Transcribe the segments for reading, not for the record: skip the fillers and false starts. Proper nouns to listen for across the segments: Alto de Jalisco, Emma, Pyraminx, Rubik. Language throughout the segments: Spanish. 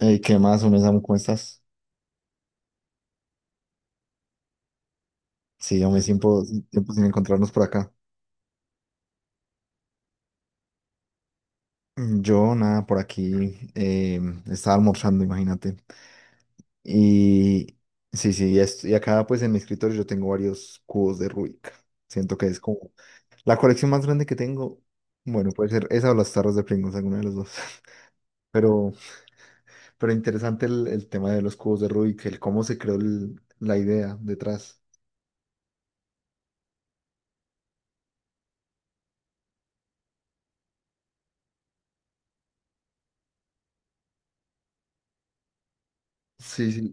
Ey, ¿qué más, uno Samu? ¿Cómo estás? Sí, yo me tiempo, tiempo sin encontrarnos por acá. Yo, nada, por aquí estaba almorzando, imagínate. Y sí, sí, y, y acá pues en mi escritorio yo tengo varios cubos de Rubik. Siento que es como la colección más grande que tengo. Bueno, puede ser esa o las tarros de Pringles, alguna de las dos. Pero, pero interesante el tema de los cubos de Rubik, el cómo se creó la idea detrás. Sí, sí.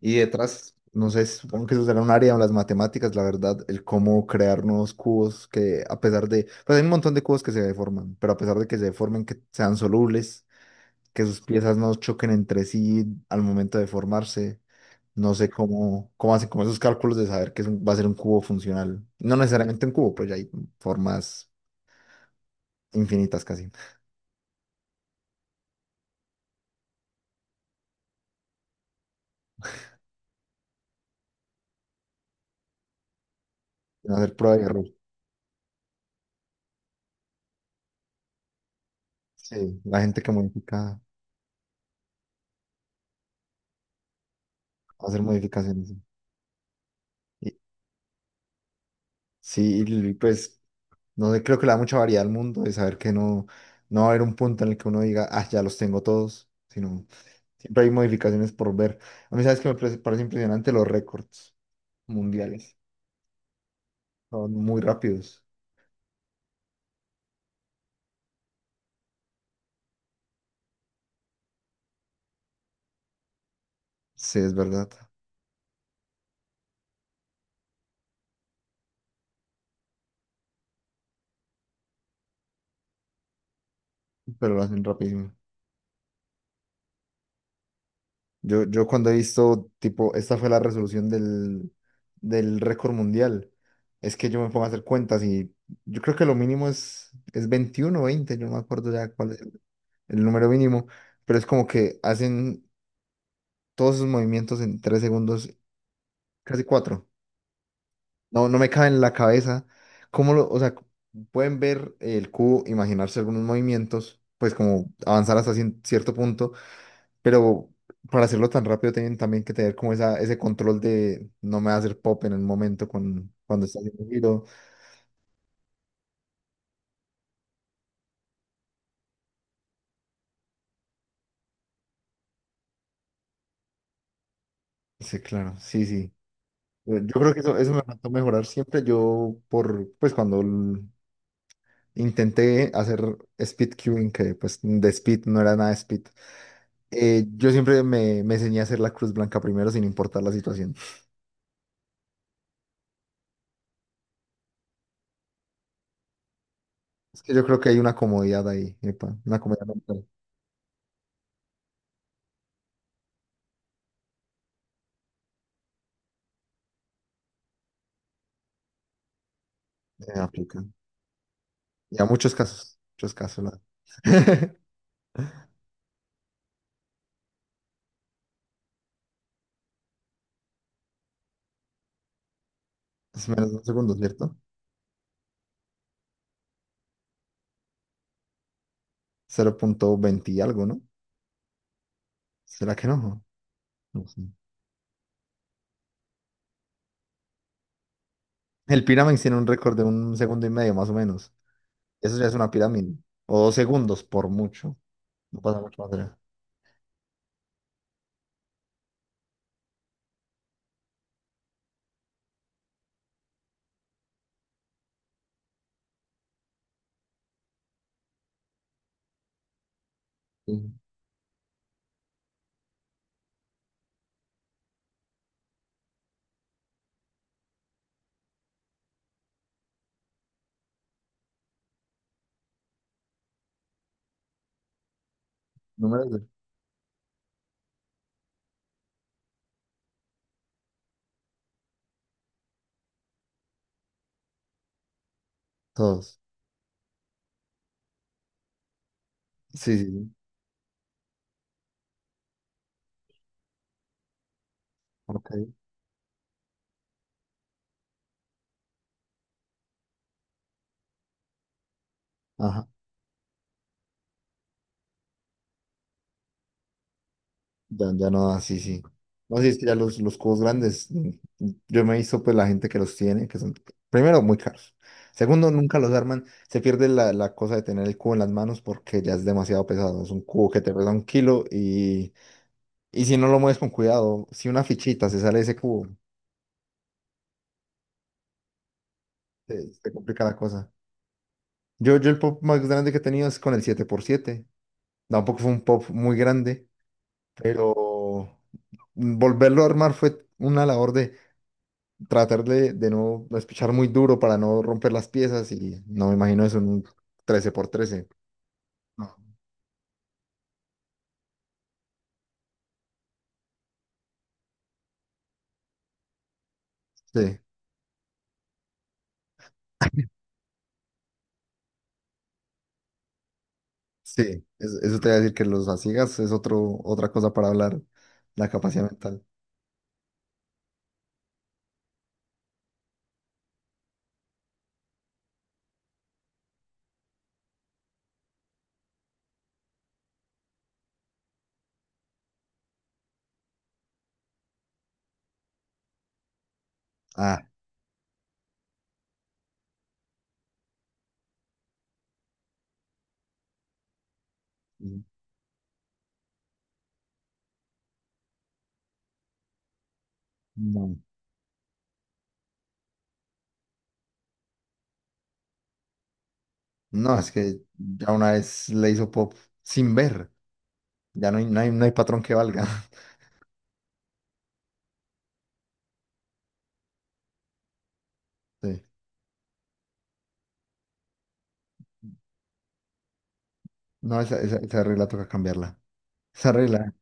Y detrás, no sé, supongo que eso será un área de las matemáticas, la verdad, el cómo crear nuevos cubos que a pesar de, pues hay un montón de cubos que se deforman, pero a pesar de que se deformen, que sean solubles, que sus piezas no choquen entre sí al momento de formarse, no sé cómo, cómo hacen como esos cálculos de saber que es va a ser un cubo funcional. No necesariamente un cubo, pues ya hay formas infinitas casi. Van a hacer prueba y error. Sí, la gente que modifica, va a hacer modificaciones. Sí. Y- Sí, y pues no creo que le da mucha variedad al mundo de saber que no, no va a haber un punto en el que uno diga, ah, ya los tengo todos, sino siempre hay modificaciones por ver. A mí, ¿sabes que me parece impresionante los récords mundiales? Son muy rápidos. Sí, es verdad, pero lo hacen rapidísimo. Yo cuando he visto, tipo, esta fue la resolución del récord mundial, es que yo me pongo a hacer cuentas y yo creo que lo mínimo es 21 o 20, yo no me acuerdo ya cuál es el número mínimo, pero es como que hacen todos esos movimientos en 3 segundos, casi cuatro. No, no me cabe en la cabeza. ¿Cómo lo, o sea, pueden ver el cubo, imaginarse algunos movimientos, pues como avanzar hasta cierto punto, pero para hacerlo tan rápido tienen también que tener como esa, ese control de no me va hacer pop en el momento con, cuando está haciendo el giro? Sí, claro, sí, sí. Yo creo que eso me faltó mejorar siempre. Yo, por, pues cuando intenté hacer speed queuing, que pues de speed no era nada speed. Yo siempre me, me enseñé a hacer la cruz blanca primero sin importar la situación. Es que yo creo que hay una comodidad ahí, epa, una comodidad mental en África. Y a muchos casos, muchos casos. La- Es menos de un segundo, ¿cierto? 0.20 y algo, ¿no? ¿Será que no? No sé. El Pyraminx tiene un récord de un segundo y medio, más o menos. Eso ya es una pirámide. O dos segundos, por mucho. No pasa mucho más allá. Sí. Números de todos. Sí, sí, sí. Ok. Ajá. Ya, ya no, da, sí, sí. No, sí, es que ya los cubos grandes, yo me he visto pues la gente que los tiene, que son, primero, muy caros. Segundo, nunca los arman. Se pierde la, la cosa de tener el cubo en las manos porque ya es demasiado pesado. Es un cubo que te pesa un kilo y si no lo mueves con cuidado, si una fichita se sale de ese cubo, te, te complica la cosa. Yo el pop más grande que he tenido es con el 7x7. Tampoco fue un pop muy grande, pero volverlo a armar fue una labor tratar de no espichar muy duro para no romper las piezas, y no me imagino eso en un 13x13. No. Sí, sí, eso te voy a decir que los asigas es otro, otra cosa para hablar, la capacidad mental. Ah, no, no, es que ya una vez le hizo pop sin ver, ya no hay, no hay, no hay patrón que valga. Sí. No, esa regla toca cambiarla. Esa regla,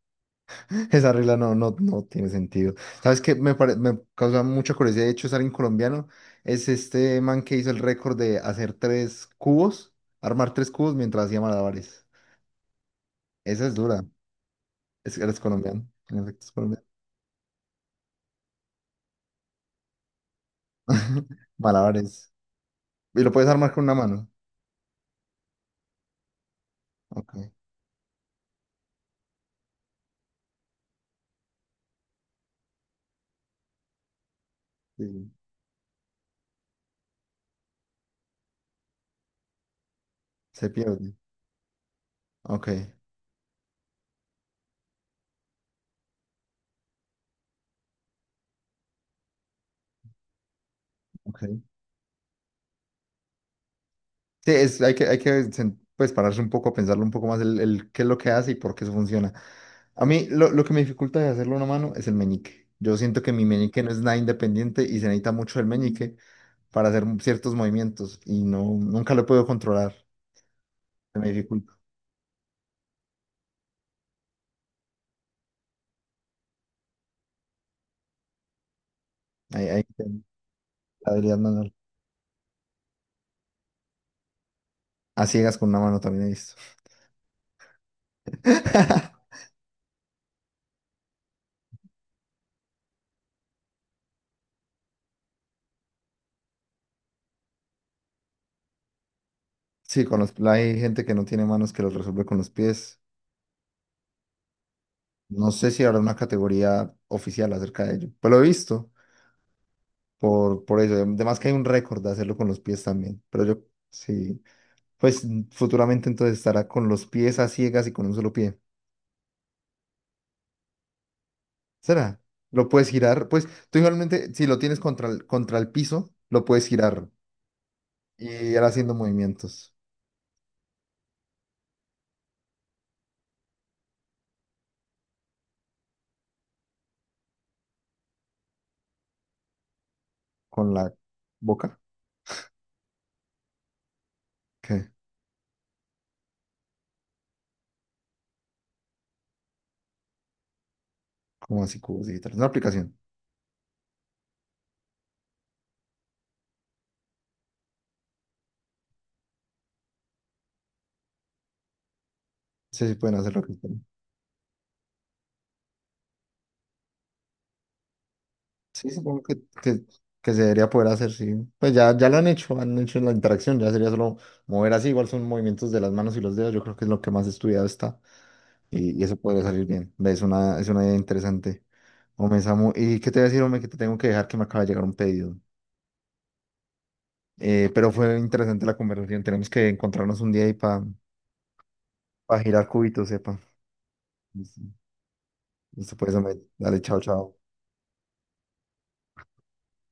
esa regla no, no, no tiene sentido. ¿Sabes qué? Me, me causa mucha curiosidad, de hecho, es alguien colombiano. Es este man que hizo el récord de hacer 3 cubos, armar tres cubos mientras hacía malabares. Esa es dura. Es, eres colombiano. En efecto, es colombiano. Malabares. Y lo puedes armar con una mano. Ok. Sí, sí. Se pierde. Ok. Ok. Sí, es, hay que pues, pararse un poco, pensarlo un poco más el qué es lo que hace y por qué eso funciona. A mí lo que me dificulta de hacerlo a una mano es el meñique. Yo siento que mi meñique no es nada independiente y se necesita mucho el meñique para hacer ciertos movimientos y no, nunca lo puedo controlar. Se me dificulta. Ahí, ahí tengo la habilidad manual. A ciegas con una mano también he visto. Sí, con los, hay gente que no tiene manos que los resuelve con los pies. No sé si habrá una categoría oficial acerca de ello. Pues lo he visto por eso. Además que hay un récord de hacerlo con los pies también. Pero yo sí. Pues futuramente entonces estará con los pies a ciegas y con un solo pie. ¿Será? Lo puedes girar. Pues tú igualmente, si lo tienes contra el piso, lo puedes girar y ir haciendo movimientos con la boca. ¿Qué? ¿Cómo así cubos digitales? Una aplicación. Sí, sí pueden hacer lo que hacerlo. Sí, supongo que se debería poder hacer, sí. Pues ya, ya lo han hecho la interacción. Ya sería solo mover así. Igual son movimientos de las manos y los dedos. Yo creo que es lo que más estudiado está. Y eso podría salir bien. Ve, es una, es una idea interesante. Hombre, Samu, ¿y qué te voy a decir, hombre? Que te tengo que dejar que me acaba de llegar un pedido. Pero fue interesante la conversación. Tenemos que encontrarnos un día ahí para girar cubitos, sepa. Listo, listo, pues, hombre. Dale, chao, chao.